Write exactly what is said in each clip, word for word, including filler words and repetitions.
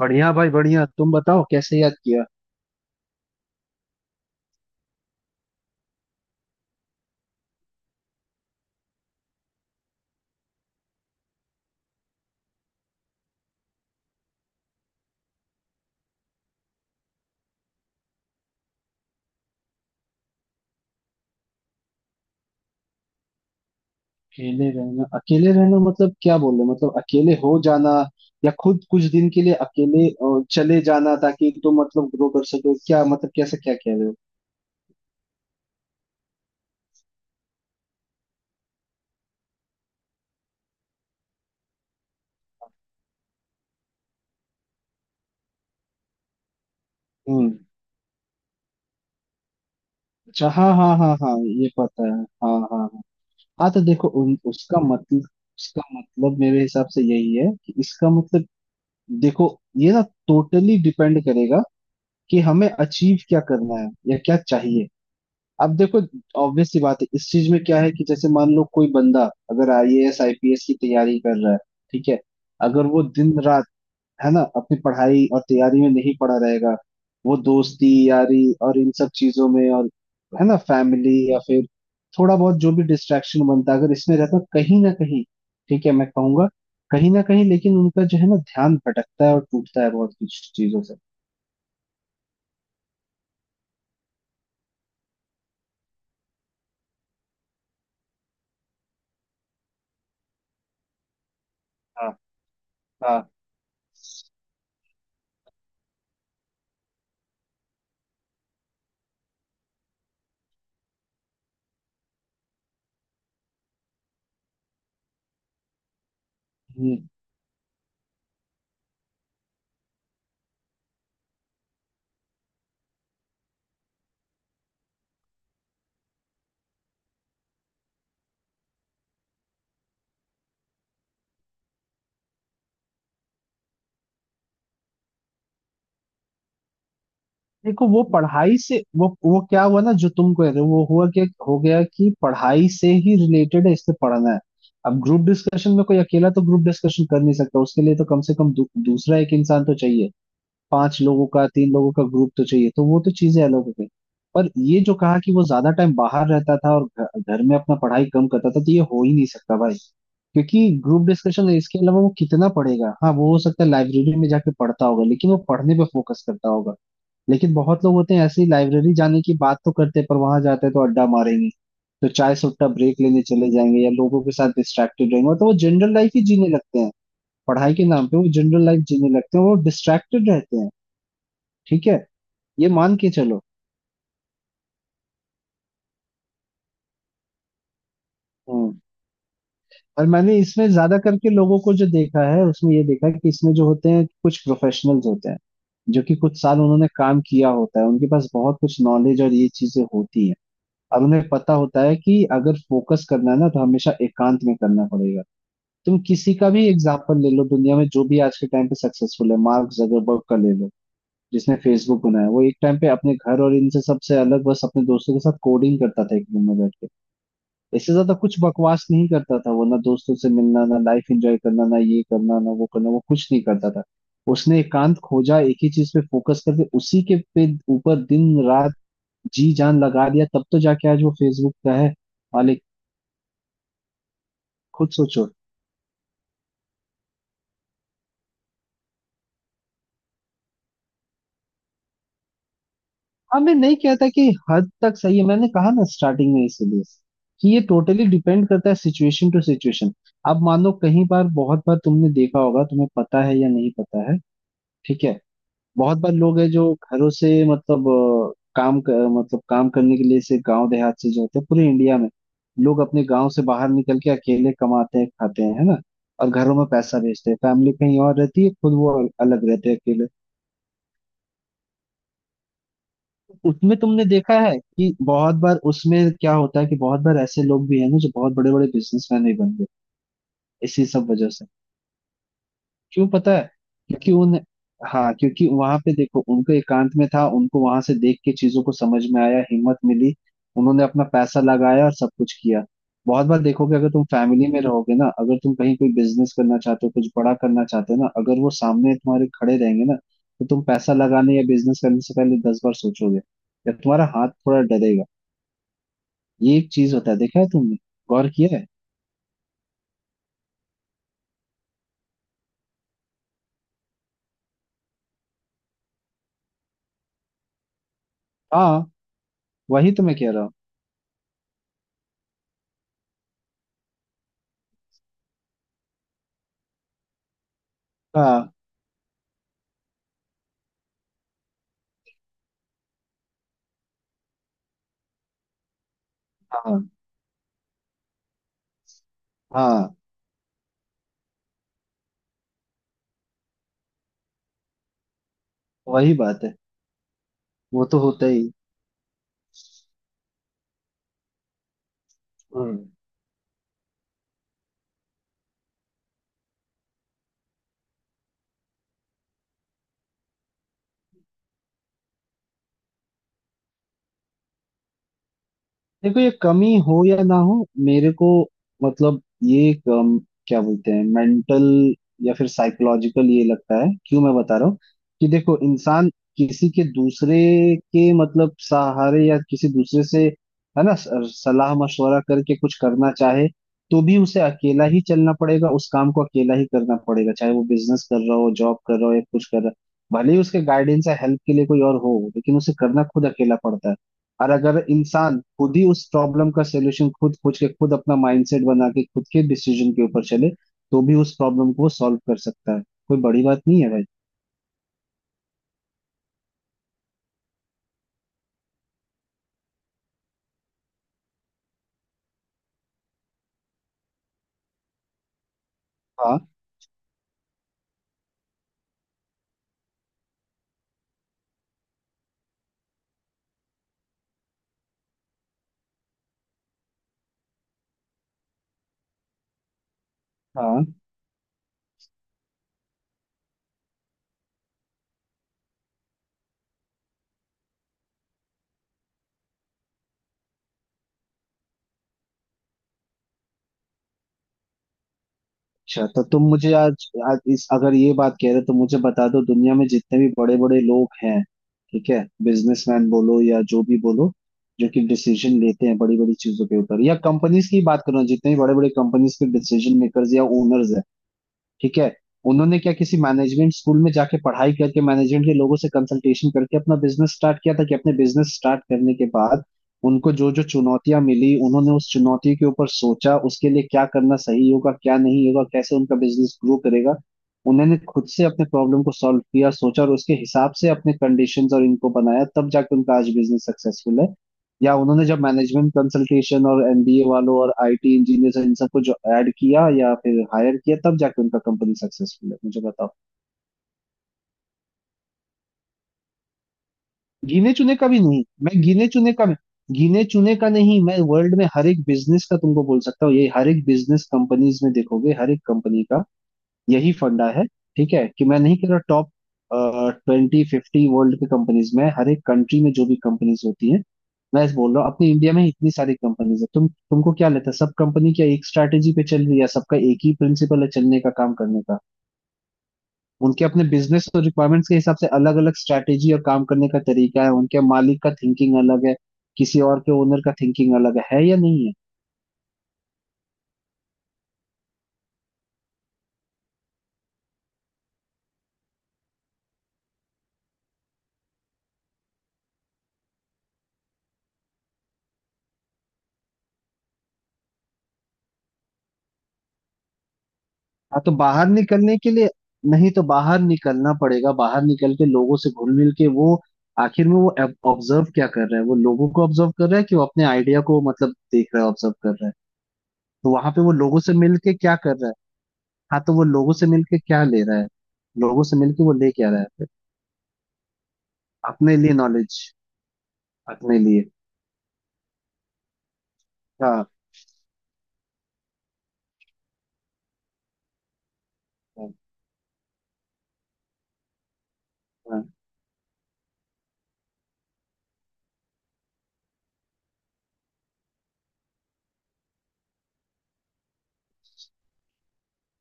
बढ़िया भाई बढ़िया। तुम बताओ कैसे याद किया। अकेले रहना अकेले रहना मतलब क्या बोल रहे हो? मतलब अकेले हो जाना या खुद कुछ दिन के लिए अकेले अ, चले जाना ताकि तुम मतलब ग्रो कर सको, क्या मतलब, कैसे क्या कह रहे हो? हम्म। अच्छा हाँ हाँ हाँ हाँ, ये पता है, हाँ हाँ हाँ। हाँ तो देखो उन, उसका मतलब, उसका मतलब मेरे हिसाब से यही है कि इसका मतलब, देखो, ये ना टोटली डिपेंड करेगा कि हमें अचीव क्या करना है या क्या चाहिए। अब देखो, ऑब्वियस सी बात है, इस चीज में क्या है कि जैसे मान लो कोई बंदा अगर आईएएस आईपीएस की तैयारी कर रहा है, ठीक है, अगर वो दिन रात, है ना, अपनी पढ़ाई और तैयारी में नहीं पड़ा रहेगा, वो दोस्ती यारी और इन सब चीजों में, और है ना फैमिली या फिर थोड़ा बहुत जो भी डिस्ट्रैक्शन बनता है अगर इसमें रहता कहीं ना कहीं, ठीक है मैं कहूंगा, कहीं ना कहीं, लेकिन उनका जो है ना ध्यान भटकता है और टूटता है बहुत कुछ चीजों से। हाँ हाँ। देखो वो पढ़ाई से वो वो क्या हुआ ना, जो तुम कह रहे हो वो हुआ, क्या हो गया कि पढ़ाई से ही रिलेटेड है, इससे पढ़ना है। अब ग्रुप डिस्कशन में कोई अकेला तो ग्रुप डिस्कशन कर नहीं सकता, उसके लिए तो कम से कम दू, दूसरा एक इंसान तो चाहिए, पांच लोगों का, तीन लोगों का ग्रुप तो चाहिए, तो वो तो चीजें अलग हो गई। पर ये जो कहा कि वो ज्यादा टाइम बाहर रहता था और घ- घर में अपना पढ़ाई कम करता था, तो ये हो ही नहीं सकता भाई, क्योंकि ग्रुप डिस्कशन है, इसके अलावा वो कितना पढ़ेगा। हाँ वो हो सकता है लाइब्रेरी में जाके पढ़ता होगा, लेकिन वो पढ़ने पे फोकस करता होगा। लेकिन बहुत लोग होते हैं ऐसे ही, लाइब्रेरी जाने की बात तो करते हैं, पर वहां जाते हैं तो अड्डा मारेंगे, तो चाय सुट्टा ब्रेक लेने चले जाएंगे या लोगों के साथ डिस्ट्रैक्टेड रहेंगे, तो वो जनरल लाइफ ही जीने लगते हैं। पढ़ाई के नाम पे वो जनरल लाइफ जीने लगते हैं, वो डिस्ट्रैक्टेड रहते हैं, ठीक है, ये मान के चलो। हम्म। और मैंने इसमें ज्यादा करके लोगों को जो देखा है उसमें ये देखा है कि इसमें जो होते हैं कुछ प्रोफेशनल्स होते हैं, जो कि कुछ साल उन्होंने काम किया होता है, उनके पास बहुत कुछ नॉलेज और ये चीजें होती हैं, और उन्हें पता होता है कि अगर फोकस करना है ना तो हमेशा एकांत में करना पड़ेगा। तुम किसी का भी एग्जाम्पल ले लो दुनिया में जो भी आज के टाइम पे सक्सेसफुल है, मार्क जगरबर्ग का ले लो, जिसने फेसबुक बनाया, वो एक टाइम पे अपने घर और इनसे सबसे अलग बस अपने दोस्तों के साथ कोडिंग करता था एक रूम में बैठ के। इससे ज्यादा कुछ बकवास नहीं करता था वो, ना दोस्तों से मिलना, ना लाइफ एंजॉय करना, ना ये करना ना वो करना, वो कुछ नहीं करता था। उसने एकांत खोजा, एक ही चीज पे फोकस करके उसी के पे ऊपर दिन रात जी जान लगा दिया, तब तो जाके आज वो फेसबुक का है मालिक। खुद सोचो। हाँ मैं नहीं कहता कि हद तक सही है, मैंने कहा ना स्टार्टिंग में इसीलिए, कि ये टोटली डिपेंड करता है सिचुएशन टू सिचुएशन। अब मान लो, कहीं बार बहुत बार तुमने देखा होगा, तुम्हें पता है या नहीं पता है, ठीक है। बहुत बार लोग हैं जो घरों से मतलब अ, काम क- मतलब काम करने के लिए से गांव देहात से जो होते हैं पूरे इंडिया में, लोग अपने गांव से बाहर निकल के अकेले कमाते हैं खाते हैं, है ना, और घरों में पैसा भेजते हैं, फैमिली कहीं और रहती है, खुद वो अल- अलग रहते हैं अकेले। उसमें तुमने देखा है कि बहुत बार उसमें क्या होता है कि बहुत बार ऐसे लोग भी हैं ना जो बहुत बड़े बड़े बिजनेसमैन भी बन गए इसी सब वजह से। क्यों पता है? क्योंकि उन हाँ, क्योंकि वहां पे देखो उनको एकांत में था, उनको वहां से देख के चीजों को समझ में आया, हिम्मत मिली, उन्होंने अपना पैसा लगाया और सब कुछ किया। बहुत बार देखोगे, अगर तुम फैमिली में रहोगे ना, अगर तुम कहीं कोई बिजनेस करना चाहते हो कुछ बड़ा करना चाहते हो ना, अगर वो सामने तुम्हारे खड़े रहेंगे ना, तो तुम पैसा लगाने या बिजनेस करने से पहले दस बार सोचोगे, या तुम्हारा हाथ थोड़ा डरेगा। ये एक चीज होता है, देखा है तुमने, गौर किया है। हाँ वही तो मैं कह रहा हूँ। हाँ हाँ हाँ। वही बात है, वो तो होता ही। हम्म। देखो ये कमी हो या ना हो, मेरे को मतलब ये एक, अम, क्या बोलते हैं, मेंटल या फिर साइकोलॉजिकल ये लगता है, क्यों मैं बता रहा हूँ कि देखो इंसान किसी के दूसरे के मतलब सहारे या किसी दूसरे से, है ना, स- सलाह मशवरा करके कुछ करना चाहे, तो भी उसे अकेला ही चलना पड़ेगा, उस काम को अकेला ही करना पड़ेगा, चाहे वो बिजनेस कर रहा हो जॉब कर रहा हो या कुछ कर रहा हो, भले ही उसके गाइडेंस या हेल्प के लिए कोई और हो, लेकिन उसे करना खुद अकेला पड़ता है। और अगर इंसान खुद ही उस प्रॉब्लम का सोल्यूशन खुद खोज के, खुद अपना माइंडसेट बना के, खुद के डिसीजन के ऊपर चले, तो भी उस प्रॉब्लम को सॉल्व कर सकता है, कोई बड़ी बात नहीं है भाई। हाँ हाँ। अच्छा तो तुम मुझे आज, आज इस अगर ये बात कह रहे हो तो मुझे बता दो, दुनिया में जितने भी बड़े बड़े लोग हैं, ठीक है, बिजनेसमैन बोलो या जो भी बोलो, जो कि डिसीजन लेते हैं बड़ी बड़ी चीजों के ऊपर, या कंपनीज की बात करो, जितने भी बड़े बड़े कंपनीज के डिसीजन मेकर्स या ओनर्स, ठीक है, उन्होंने क्या किसी मैनेजमेंट स्कूल में जाके पढ़ाई करके मैनेजमेंट के लोगों से कंसल्टेशन करके अपना बिजनेस स्टार्ट किया था, कि अपने बिजनेस स्टार्ट करने के बाद उनको जो जो चुनौतियां मिली उन्होंने उस चुनौती के ऊपर सोचा, उसके लिए क्या करना सही होगा क्या नहीं होगा, कैसे उनका बिजनेस ग्रो करेगा, उन्होंने खुद से अपने प्रॉब्लम को सॉल्व किया सोचा और उसके हिसाब से अपने कंडीशंस और इनको बनाया, तब जाके उनका आज बिजनेस सक्सेसफुल है? या उन्होंने जब मैनेजमेंट कंसल्टेशन और एमबीए वालों और आईटी इंजीनियर इन सबको जो ऐड किया या फिर हायर किया तब जाके उनका कंपनी सक्सेसफुल है? मुझे बताओ। गिने चुने का भी नहीं, मैं गिने चुने का गिने चुने का नहीं, मैं वर्ल्ड में हर एक बिजनेस का तुमको बोल सकता हूँ, ये हर एक बिजनेस कंपनीज में देखोगे, हर एक कंपनी का यही फंडा है। ठीक है, कि मैं नहीं कह रहा टॉप ट्वेंटी फिफ्टी वर्ल्ड की कंपनीज में, हर एक कंट्री में जो भी कंपनीज होती हैं, मैं ऐसे बोल रहा हूँ, अपने इंडिया में ही इतनी सारी कंपनीज है, तुम तुमको क्या लगता है सब कंपनी क्या एक स्ट्रैटेजी पे चल रही है, सबका एक ही प्रिंसिपल है चलने का, काम करने का? उनके अपने बिजनेस और रिक्वायरमेंट्स के हिसाब से अलग अलग स्ट्रैटेजी और काम करने का तरीका है, उनके मालिक का थिंकिंग अलग है, किसी और के ओनर का थिंकिंग अलग है है या नहीं है? हाँ तो बाहर निकलने के लिए, नहीं तो बाहर निकलना पड़ेगा, बाहर निकल के लोगों से घुल मिल के वो, आखिर में वो ऑब्जर्व क्या कर रहा है, वो लोगों को ऑब्जर्व कर रहा है कि वो अपने आइडिया को, मतलब देख रहा है, ऑब्जर्व कर रहा है। तो वहां पे वो लोगों से मिल के क्या कर रहा है? हाँ तो वो लोगों से मिल के क्या ले रहा है? लोगों से मिल के वो ले क्या रहा है? अपने लिए नॉलेज, अपने लिए। हाँ हाँ हाँ।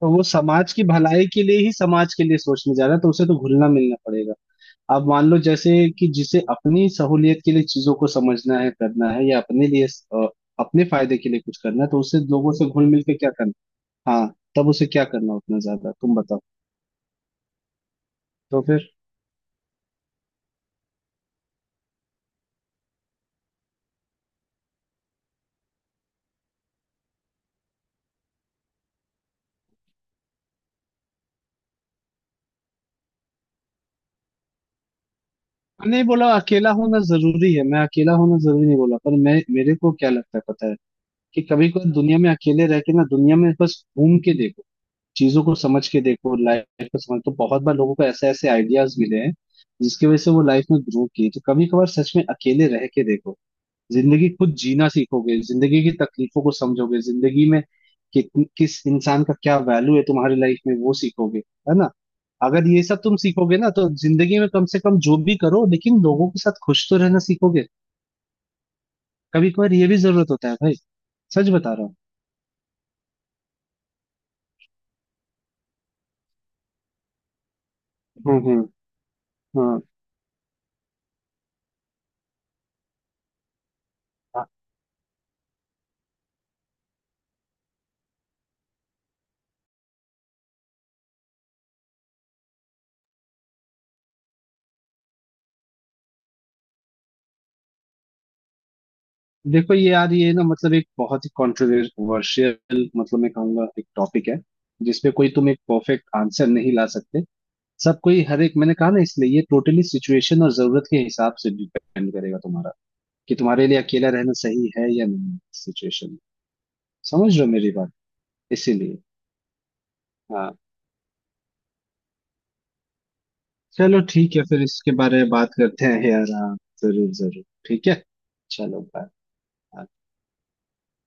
तो वो समाज की भलाई के लिए ही समाज के लिए सोचने जा रहा है, तो उसे तो घुलना मिलना पड़ेगा। अब मान लो जैसे कि जिसे अपनी सहूलियत के लिए चीजों को समझना है करना है, या अपने लिए अ, अपने फायदे के लिए कुछ करना है, तो उसे लोगों से घुल मिल के क्या करना? हाँ तब उसे क्या करना उतना ज्यादा, तुम बताओ, तो फिर। नहीं बोला अकेला होना जरूरी है, मैं अकेला होना जरूरी नहीं बोला, पर मैं मेरे को क्या लगता है पता है कि कभी कभी दुनिया में अकेले रह के ना दुनिया में बस घूम के देखो, चीजों को समझ के देखो, लाइफ को समझ, तो बहुत बार लोगों को ऐसे ऐसे आइडियाज मिले हैं जिसकी वजह से वो लाइफ में ग्रो किए, तो कभी कभार सच में अकेले रह के देखो, जिंदगी खुद जीना सीखोगे, जिंदगी की तकलीफों को समझोगे, जिंदगी में कित- किस इंसान का क्या वैल्यू है तुम्हारी लाइफ में वो सीखोगे, है ना। अगर ये सब तुम सीखोगे ना तो जिंदगी में कम से कम जो भी करो लेकिन लोगों के साथ खुश तो रहना सीखोगे, कभी कभार ये भी जरूरत होता है भाई, सच बता रहा हूँ। हम्म हम्म। हाँ हाँ। देखो ये यार ये ना मतलब एक बहुत ही कॉन्ट्रोवर्शियल मतलब मैं कहूंगा एक टॉपिक है, जिसपे कोई तुम एक परफेक्ट आंसर नहीं ला सकते, सब कोई हर एक, मैंने कहा ना इसलिए, ये टोटली सिचुएशन और जरूरत के हिसाब से डिपेंड करेगा तुम्हारा, कि तुम्हारे लिए अकेला रहना सही है या नहीं सिचुएशन। समझ रहे हो मेरी बात? इसीलिए। हाँ चलो ठीक है, फिर इसके बारे में बात करते हैं यार, हाँ जरूर जरूर, ठीक है। चलो बाय।